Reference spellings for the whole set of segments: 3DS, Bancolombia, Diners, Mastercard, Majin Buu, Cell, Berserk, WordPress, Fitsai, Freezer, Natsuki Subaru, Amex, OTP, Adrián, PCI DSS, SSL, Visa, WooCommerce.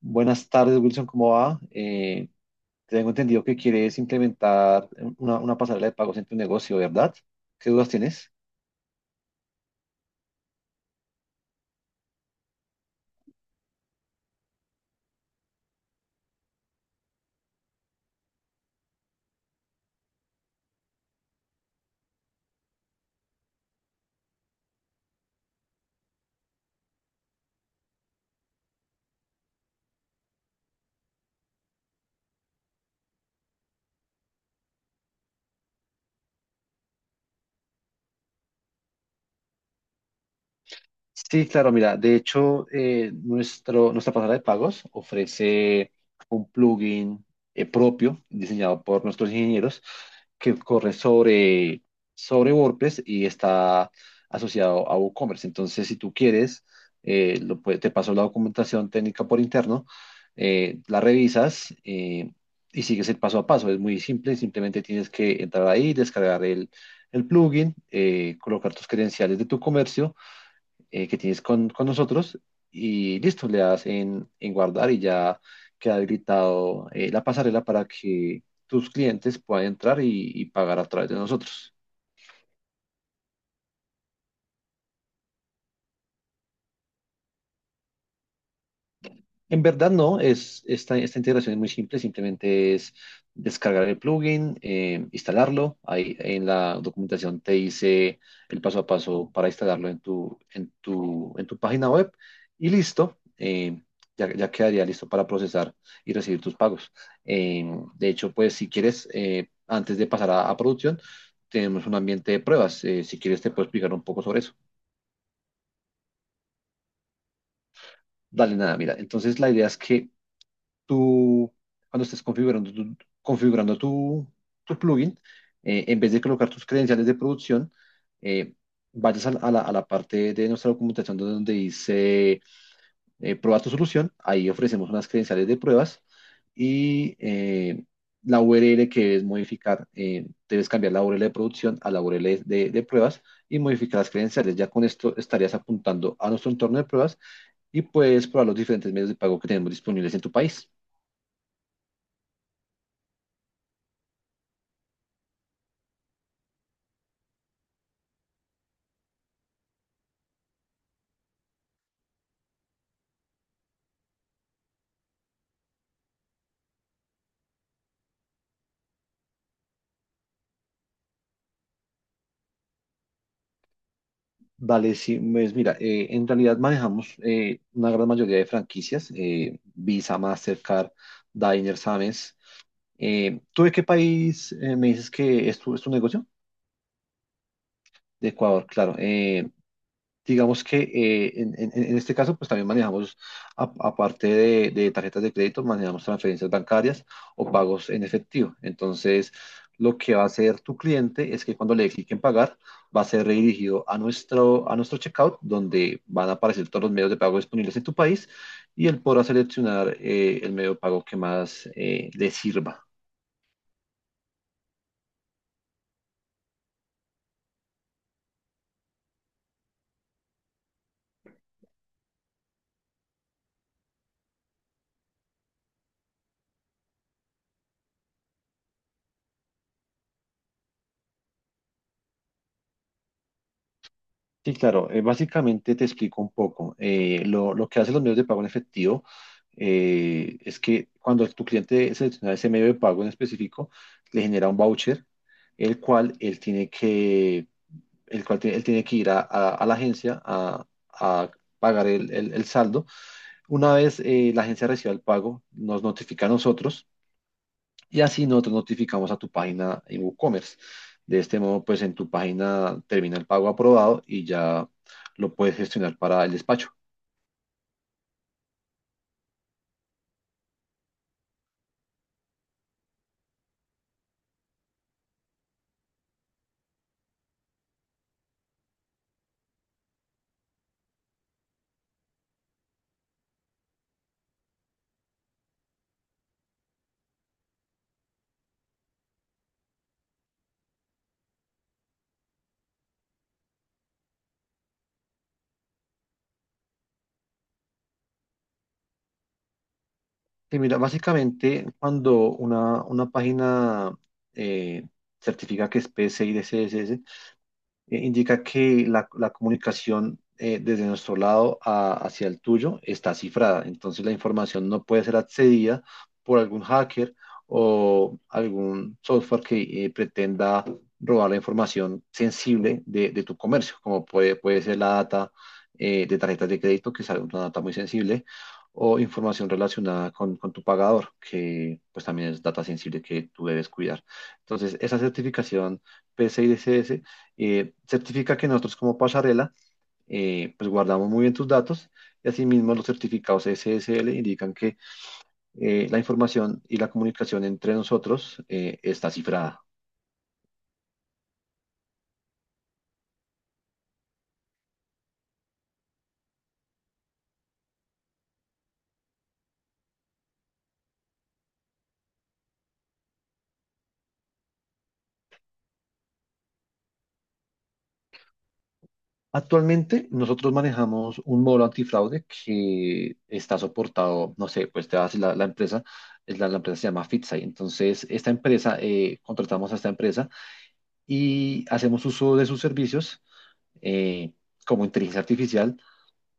Buenas tardes, Wilson, ¿cómo va? Tengo entendido que quieres implementar una pasarela de pagos en tu negocio, ¿verdad? ¿Qué dudas tienes? Sí, claro, mira, de hecho, nuestra pasarela de pagos ofrece un plugin propio diseñado por nuestros ingenieros que corre sobre WordPress y está asociado a WooCommerce. Entonces, si tú quieres, te paso la documentación técnica por interno, la revisas y sigues el paso a paso. Es muy simple, simplemente tienes que entrar ahí, el plugin, colocar tus credenciales de tu comercio que tienes con nosotros y listo, le das en guardar y ya queda habilitado la pasarela para que tus clientes puedan entrar y pagar a través de nosotros. En verdad no, esta integración es muy simple, simplemente es descargar el plugin, instalarlo. Ahí en la documentación te dice el paso a paso para instalarlo en tu página web y listo, ya quedaría listo para procesar y recibir tus pagos. Eh, de hecho, pues si quieres, antes de pasar a producción, tenemos un ambiente de pruebas. Si quieres, te puedo explicar un poco sobre eso. Dale, nada, mira. Entonces, la idea es que tú, cuando estés configurando tu, tu plugin, en vez de colocar tus credenciales de producción, eh, vayas a, la, a la- a la parte de nuestra documentación donde dice prueba tu solución. Ahí ofrecemos unas credenciales de pruebas y eh, la URL que debes modificar, debes cambiar la URL de producción a la URL de pruebas y modificar las credenciales. Ya con esto estarías apuntando a nuestro entorno de pruebas y puedes probar los diferentes medios de pago que tenemos disponibles en tu país. Vale, sí, pues mira, en realidad manejamos una gran mayoría de franquicias, Visa, Mastercard, Diners, Amex. ¿Tú de qué país me dices que es tu negocio? De Ecuador, claro. Digamos que en este caso, pues también manejamos aparte de tarjetas de crédito, manejamos transferencias bancarias o pagos en efectivo. Entonces, lo que va a hacer tu cliente es que cuando le dé clic en pagar, va a ser redirigido a nuestro checkout, donde van a aparecer todos los medios de pago disponibles en tu país y él podrá seleccionar el medio de pago que más le sirva. Sí, claro. Básicamente te explico un poco. Lo que hacen los medios de pago en efectivo es que cuando tu cliente selecciona ese medio de pago en específico, le genera un voucher, el cual él tiene que, el cual tiene- él tiene que ir a la agencia a pagar el saldo. Una vez la agencia reciba el pago, nos notifica a nosotros y así nosotros notificamos a tu página en WooCommerce. De este modo, pues en tu página termina el pago aprobado y ya lo puedes gestionar para el despacho. Sí mira, básicamente cuando una página eh, certifica que es PCI de CSS, indica que la comunicación desde nuestro lado hacia el tuyo está cifrada. Entonces la información no puede ser accedida por algún hacker o algún software que pretenda robar la información sensible de tu comercio, como puede ser la data de tarjetas de crédito, que es una data muy sensible, o información relacionada con tu pagador, que pues también es data sensible que tú debes cuidar. Entonces, esa certificación PCI DSS certifica que nosotros como pasarela pues guardamos muy bien tus datos, y asimismo los certificados SSL indican que la información y la comunicación entre nosotros está cifrada. Actualmente nosotros manejamos un módulo antifraude que está soportado, no sé, pues te vas a la empresa, es la empresa se llama Fitsai. Entonces, esta empresa, contratamos a esta empresa y hacemos uso de sus servicios eh, como inteligencia artificial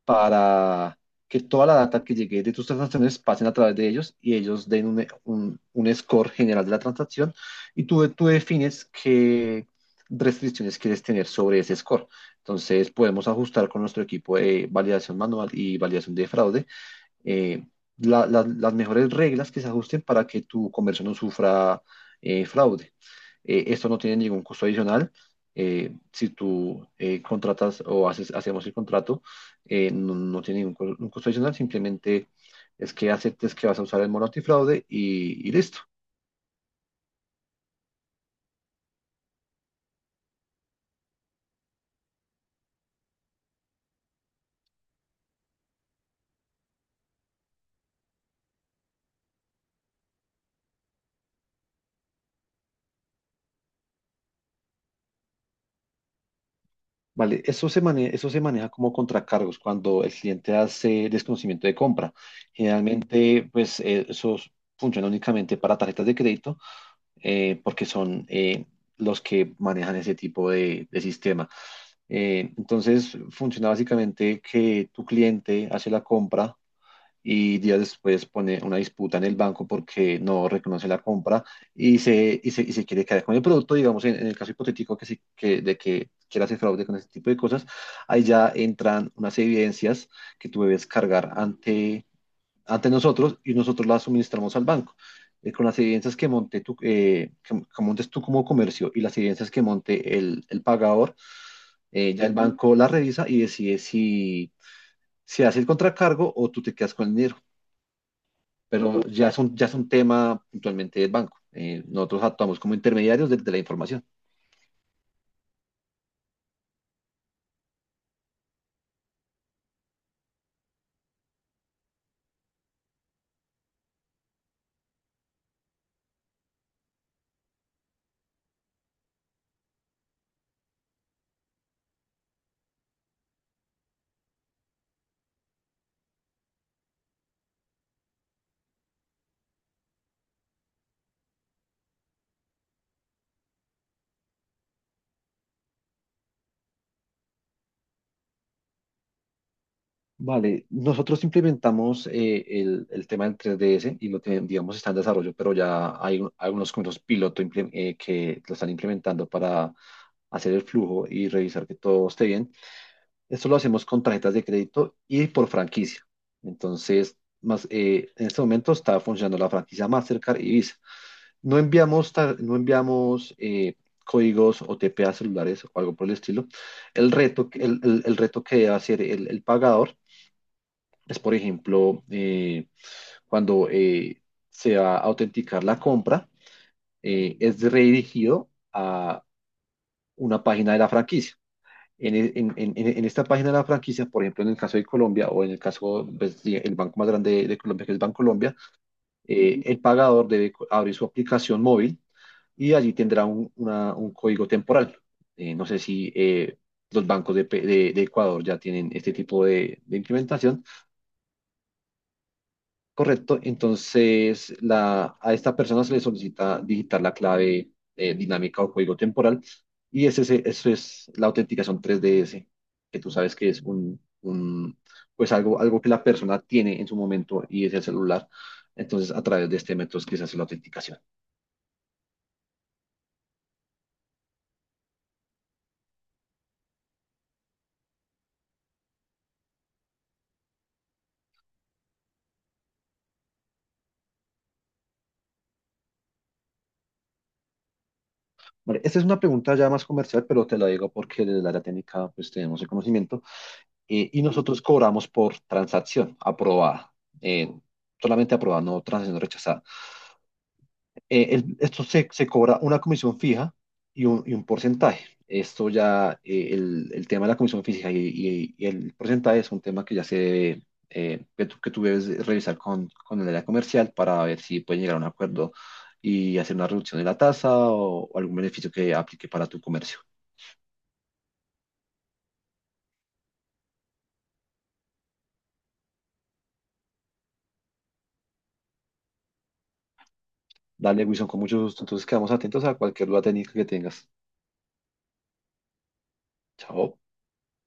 para que toda la data que llegue de tus transacciones pasen a través de ellos, y ellos den un score general de la transacción, y tú defines qué restricciones quieres tener sobre ese score. Entonces podemos ajustar con nuestro equipo de validación manual y validación de fraude eh, las mejores reglas que se ajusten para que tu comercio no sufra fraude. Esto no tiene ningún costo adicional. Si tú hacemos el contrato, no tiene ningún costo adicional, simplemente es que aceptes que vas a usar el mono antifraude y listo. Vale, eso se maneja como contracargos cuando el cliente hace desconocimiento de compra. Generalmente, pues eso funciona únicamente para tarjetas de crédito porque son los que manejan ese tipo de sistema. Entonces funciona básicamente que tu cliente hace la compra y días después pone una disputa en el banco porque no reconoce la compra y se quiere quedar con el producto, digamos, en el caso hipotético de que quiera hacer fraude con este tipo de cosas, ahí ya entran unas evidencias que tú debes cargar ante nosotros y nosotros la suministramos al banco. Con las evidencias que montes tú como comercio y las evidencias que monte el pagador, ya el banco la revisa y decide si, si hace el contracargo o tú te quedas con el dinero. Pero ya ya es un tema puntualmente del banco. Nosotros actuamos como intermediarios de la información. Vale, nosotros implementamos el tema del 3DS y lo tenemos, digamos, está en desarrollo, pero algunos comercios piloto que lo están implementando para hacer el flujo y revisar que todo esté bien. Esto lo hacemos con tarjetas de crédito y por franquicia. Entonces, más, en este momento está funcionando la franquicia Mastercard y Visa. No enviamos códigos OTP a celulares o algo por el estilo. El reto que debe hacer el pagador es, por ejemplo, cuando se va a autenticar la compra, es redirigido a una página de la franquicia. En, e- en- en- En esta página de la franquicia, por ejemplo, en el caso de Colombia o en el caso pues, sí, el banco más grande de Colombia, que es Bancolombia, el pagador debe abrir su aplicación móvil y allí tendrá un código temporal. No sé si los bancos de Ecuador ya tienen este tipo de implementación. Correcto, entonces a esta persona se le solicita digitar la clave dinámica o código temporal, eso es la autenticación 3DS, que tú sabes que es pues algo, algo que la persona tiene en su momento, y es el celular. Entonces, a través de este método es que se hace la autenticación. Vale, esta es una pregunta ya más comercial, pero te la digo porque desde la área técnica pues tenemos el conocimiento y nosotros cobramos por transacción aprobada, eh, solamente aprobada, no transacción rechazada. Esto se cobra una comisión fija y un porcentaje. Esto ya, el tema de la comisión fija y el porcentaje es un tema que ya se debe, que tú debes revisar con el área comercial para ver si pueden llegar a un acuerdo y hacer una reducción de la tasa o algún beneficio que aplique para tu comercio. Dale, Wilson, con mucho gusto. Entonces quedamos atentos a cualquier duda técnica que tengas. Chao.